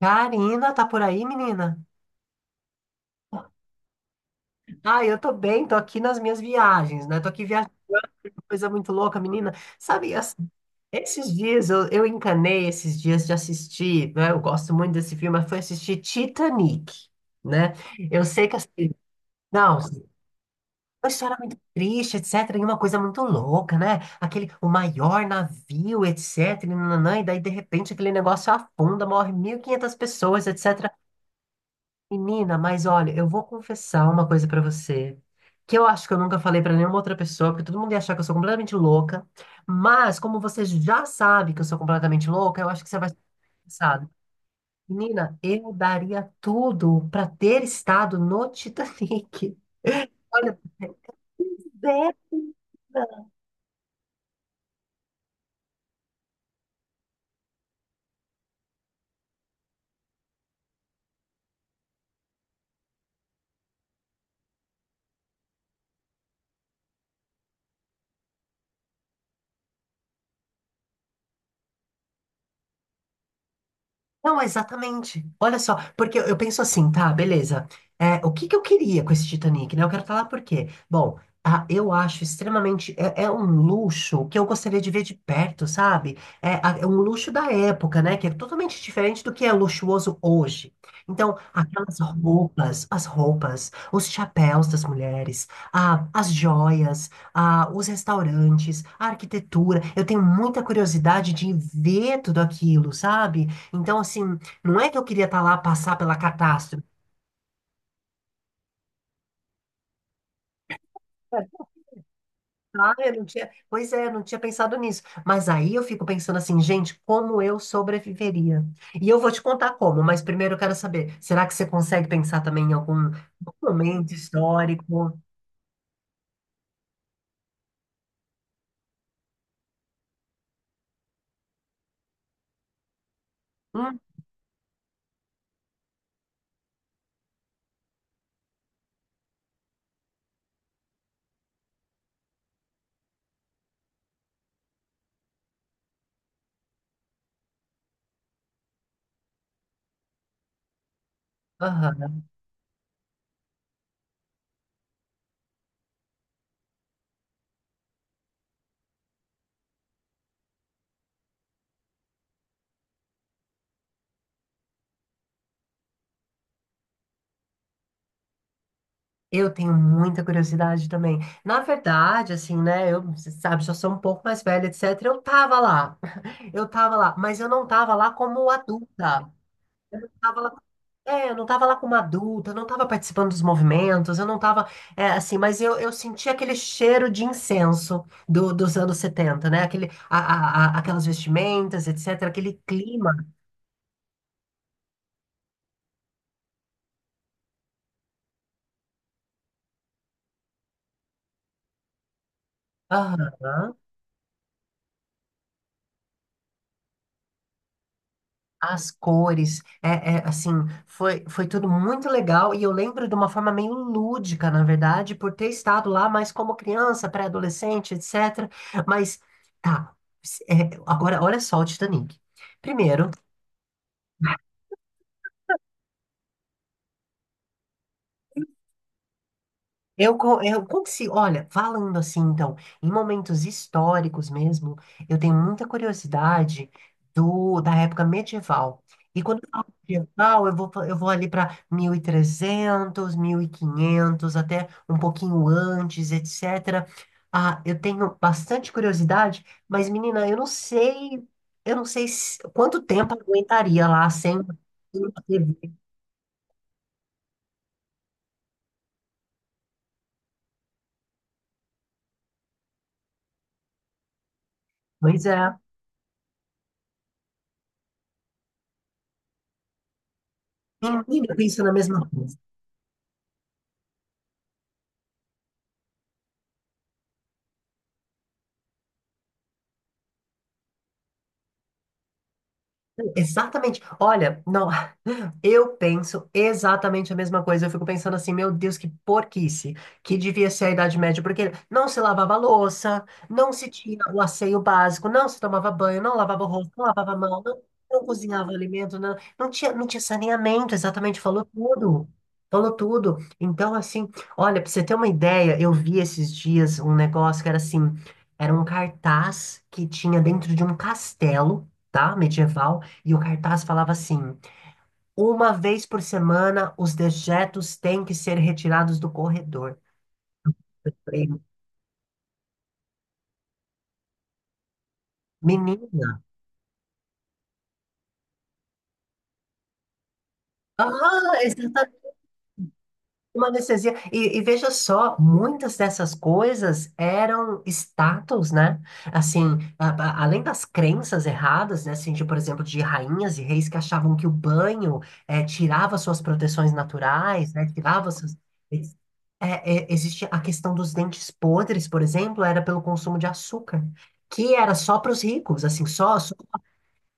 Karina, tá por aí, menina? Ah, eu tô bem, tô aqui nas minhas viagens, né? Tô aqui viajando, coisa muito louca, menina. Sabe, assim, esses dias eu encanei esses dias de assistir, né? Eu gosto muito desse filme, mas foi assistir Titanic, né? Eu sei que assim, não, uma história muito triste, etc, e uma coisa muito louca, né? Aquele, o maior navio, etc, e nananã, e daí de repente aquele negócio afunda, morre 1.500 pessoas, etc. Menina, mas olha, eu vou confessar uma coisa pra você, que eu acho que eu nunca falei pra nenhuma outra pessoa, porque todo mundo ia achar que eu sou completamente louca, mas como você já sabe que eu sou completamente louca, eu acho que você vai ser interessado. Menina, eu daria tudo pra ter estado no Titanic. Olha, é, menina. Não, exatamente. Olha só, porque eu penso assim, tá, beleza. É, o que que eu queria com esse Titanic, né? Eu quero falar por quê. Bom, ah, eu acho extremamente. É, é um luxo que eu gostaria de ver de perto, sabe? É, é um luxo da época, né? Que é totalmente diferente do que é luxuoso hoje. Então, aquelas roupas, as roupas, os chapéus das mulheres, ah, as joias, ah, os restaurantes, a arquitetura. Eu tenho muita curiosidade de ver tudo aquilo, sabe? Então, assim, não é que eu queria estar lá passar pela catástrofe. Ah, eu não tinha. Pois é, eu não tinha pensado nisso. Mas aí eu fico pensando assim, gente, como eu sobreviveria? E eu vou te contar como, mas primeiro eu quero saber, será que você consegue pensar também em algum momento histórico? Hum, aham. Eu tenho muita curiosidade também. Na verdade, assim, né? Eu, você sabe, já sou um pouco mais velha, etc. Eu tava lá, mas eu não tava lá como adulta. Eu não tava lá. É, eu não estava lá como adulta, eu não estava participando dos movimentos, eu não estava, assim, mas eu senti aquele cheiro de incenso dos anos 70, né? Aquele, aquelas vestimentas, etc., aquele clima. Aham. As cores, é, é, assim, foi tudo muito legal e eu lembro de uma forma meio lúdica, na verdade, por ter estado lá, mas como criança, pré-adolescente, etc. Mas, tá, é, agora, olha só o Titanic. Primeiro, eu, como se, olha, falando assim, então, em momentos históricos mesmo, eu tenho muita curiosidade da época medieval. E quando eu falo medieval, eu vou, eu vou ali para 1.300 1.500 até um pouquinho antes, etc. Ah, eu tenho bastante curiosidade, mas, menina, eu não sei quanto tempo eu aguentaria lá sem sem TV. Pois é. Menina, eu penso na mesma coisa. Exatamente. Olha, não, eu penso exatamente a mesma coisa. Eu fico pensando assim, meu Deus, que porquice, que devia ser a Idade Média, porque não se lavava louça, não se tinha o asseio básico, não se tomava banho, não lavava o rosto, não lavava a mão, não, não cozinhava alimento, não, não tinha, não tinha saneamento, exatamente, falou tudo. Falou tudo. Então, assim, olha, pra você ter uma ideia, eu vi esses dias um negócio que era assim, era um cartaz que tinha dentro de um castelo, tá? Medieval. E o cartaz falava assim: uma vez por semana os dejetos têm que ser retirados do corredor. Eu falei, menina, ah, exatamente. Uma anestesia. E veja só, muitas dessas coisas eram status, né? Assim, além das crenças erradas, né? Assim, de, por exemplo, de rainhas e reis que achavam que o banho tirava suas proteções naturais, né? Tirava suas... é, é, existe a questão dos dentes podres, por exemplo, era pelo consumo de açúcar, que era só para os ricos, assim, só,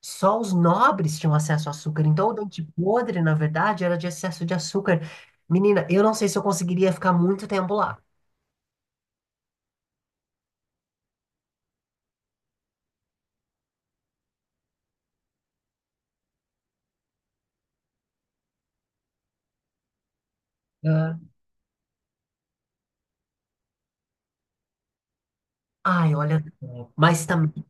só os nobres tinham acesso a açúcar. Então, o dente podre, na verdade, era de excesso de açúcar. Menina, eu não sei se eu conseguiria ficar muito tempo lá. Ah. Ai, olha. Mas também.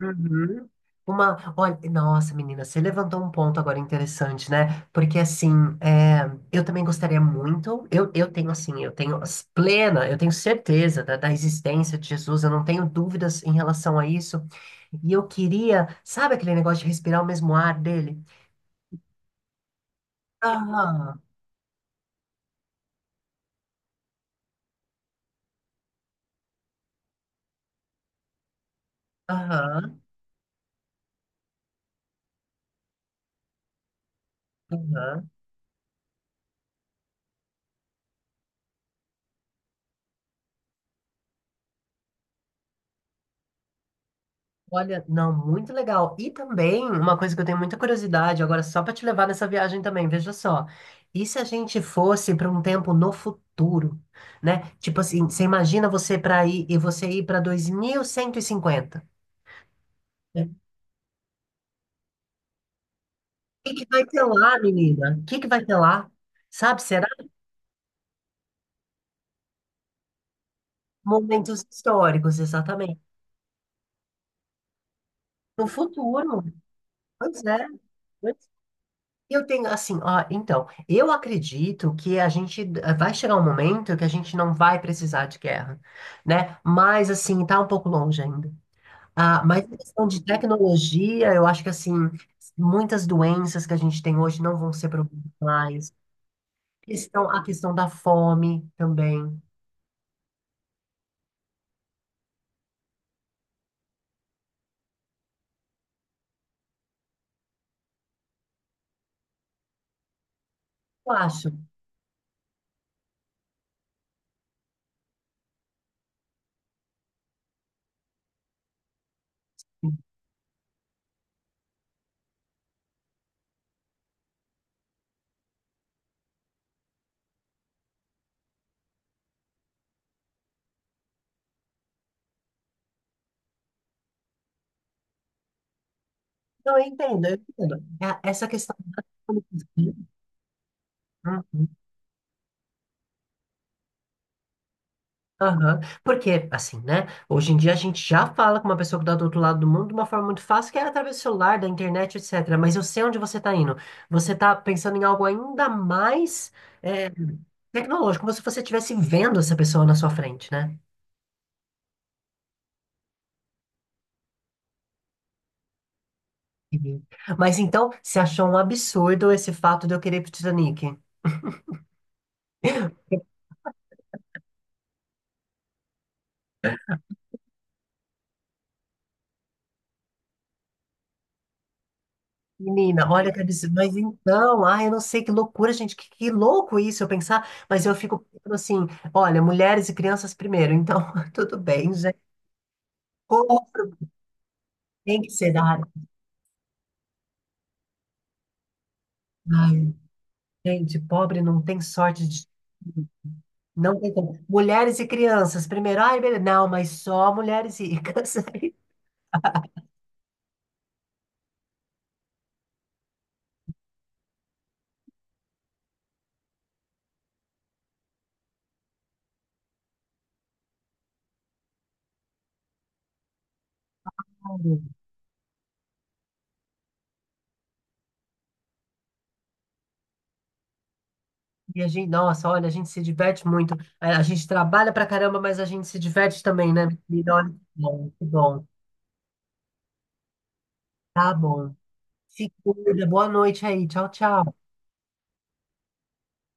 Uhum. Uma. Olha, nossa, menina, você levantou um ponto agora interessante, né? Porque, assim, é, eu também gostaria muito. Eu tenho, assim, eu tenho plena, eu tenho certeza da existência de Jesus, eu não tenho dúvidas em relação a isso. E eu queria. Sabe aquele negócio de respirar o mesmo ar dele? Aham. Aham, aham. Olha, não, muito legal. E também, uma coisa que eu tenho muita curiosidade, agora só para te levar nessa viagem também, veja só. E se a gente fosse para um tempo no futuro, né? Tipo assim, você imagina você para ir e você ir para 2150. Né? O que que vai ter lá, menina? O que que vai ter lá? Sabe, será? Momentos históricos, exatamente. No futuro. Pois é. Eu tenho assim, ó, então, eu acredito que a gente vai chegar um momento que a gente não vai precisar de guerra, né? Mas assim, tá um pouco longe ainda. Ah, mas em questão de tecnologia, eu acho que assim, muitas doenças que a gente tem hoje não vão ser problemas mais. Questão, a questão da fome também. Eu acho. Não, eu entendo. É, essa questão. Hum. Aham. Porque, assim, né? Hoje em dia a gente já fala com uma pessoa que está do outro lado do mundo de uma forma muito fácil, que é através do celular, da internet, etc. Mas eu sei onde você está indo. Você está pensando em algo ainda mais é, tecnológico, como se você estivesse vendo essa pessoa na sua frente, né? Uhum. Mas então, você achou um absurdo esse fato de eu querer ir pro Titanic? Menina, olha que absurdo. Mas então, ai, eu não sei que loucura, gente, que louco isso eu pensar, mas eu fico pensando assim, olha, mulheres e crianças primeiro, então tudo bem, gente. Outro tem que ser da área. Ai, gente, pobre não tem sorte de. Não tem como. Mulheres e crianças, primeiro. Ai, beleza. Não, mas só mulheres ricas. Aí, cara, e a gente, nossa, olha, a gente se diverte muito. A gente trabalha pra caramba, mas a gente se diverte também, né, menina? Olha, que bom, que bom. Tá bom. Se cuida. Boa noite aí. Tchau, tchau.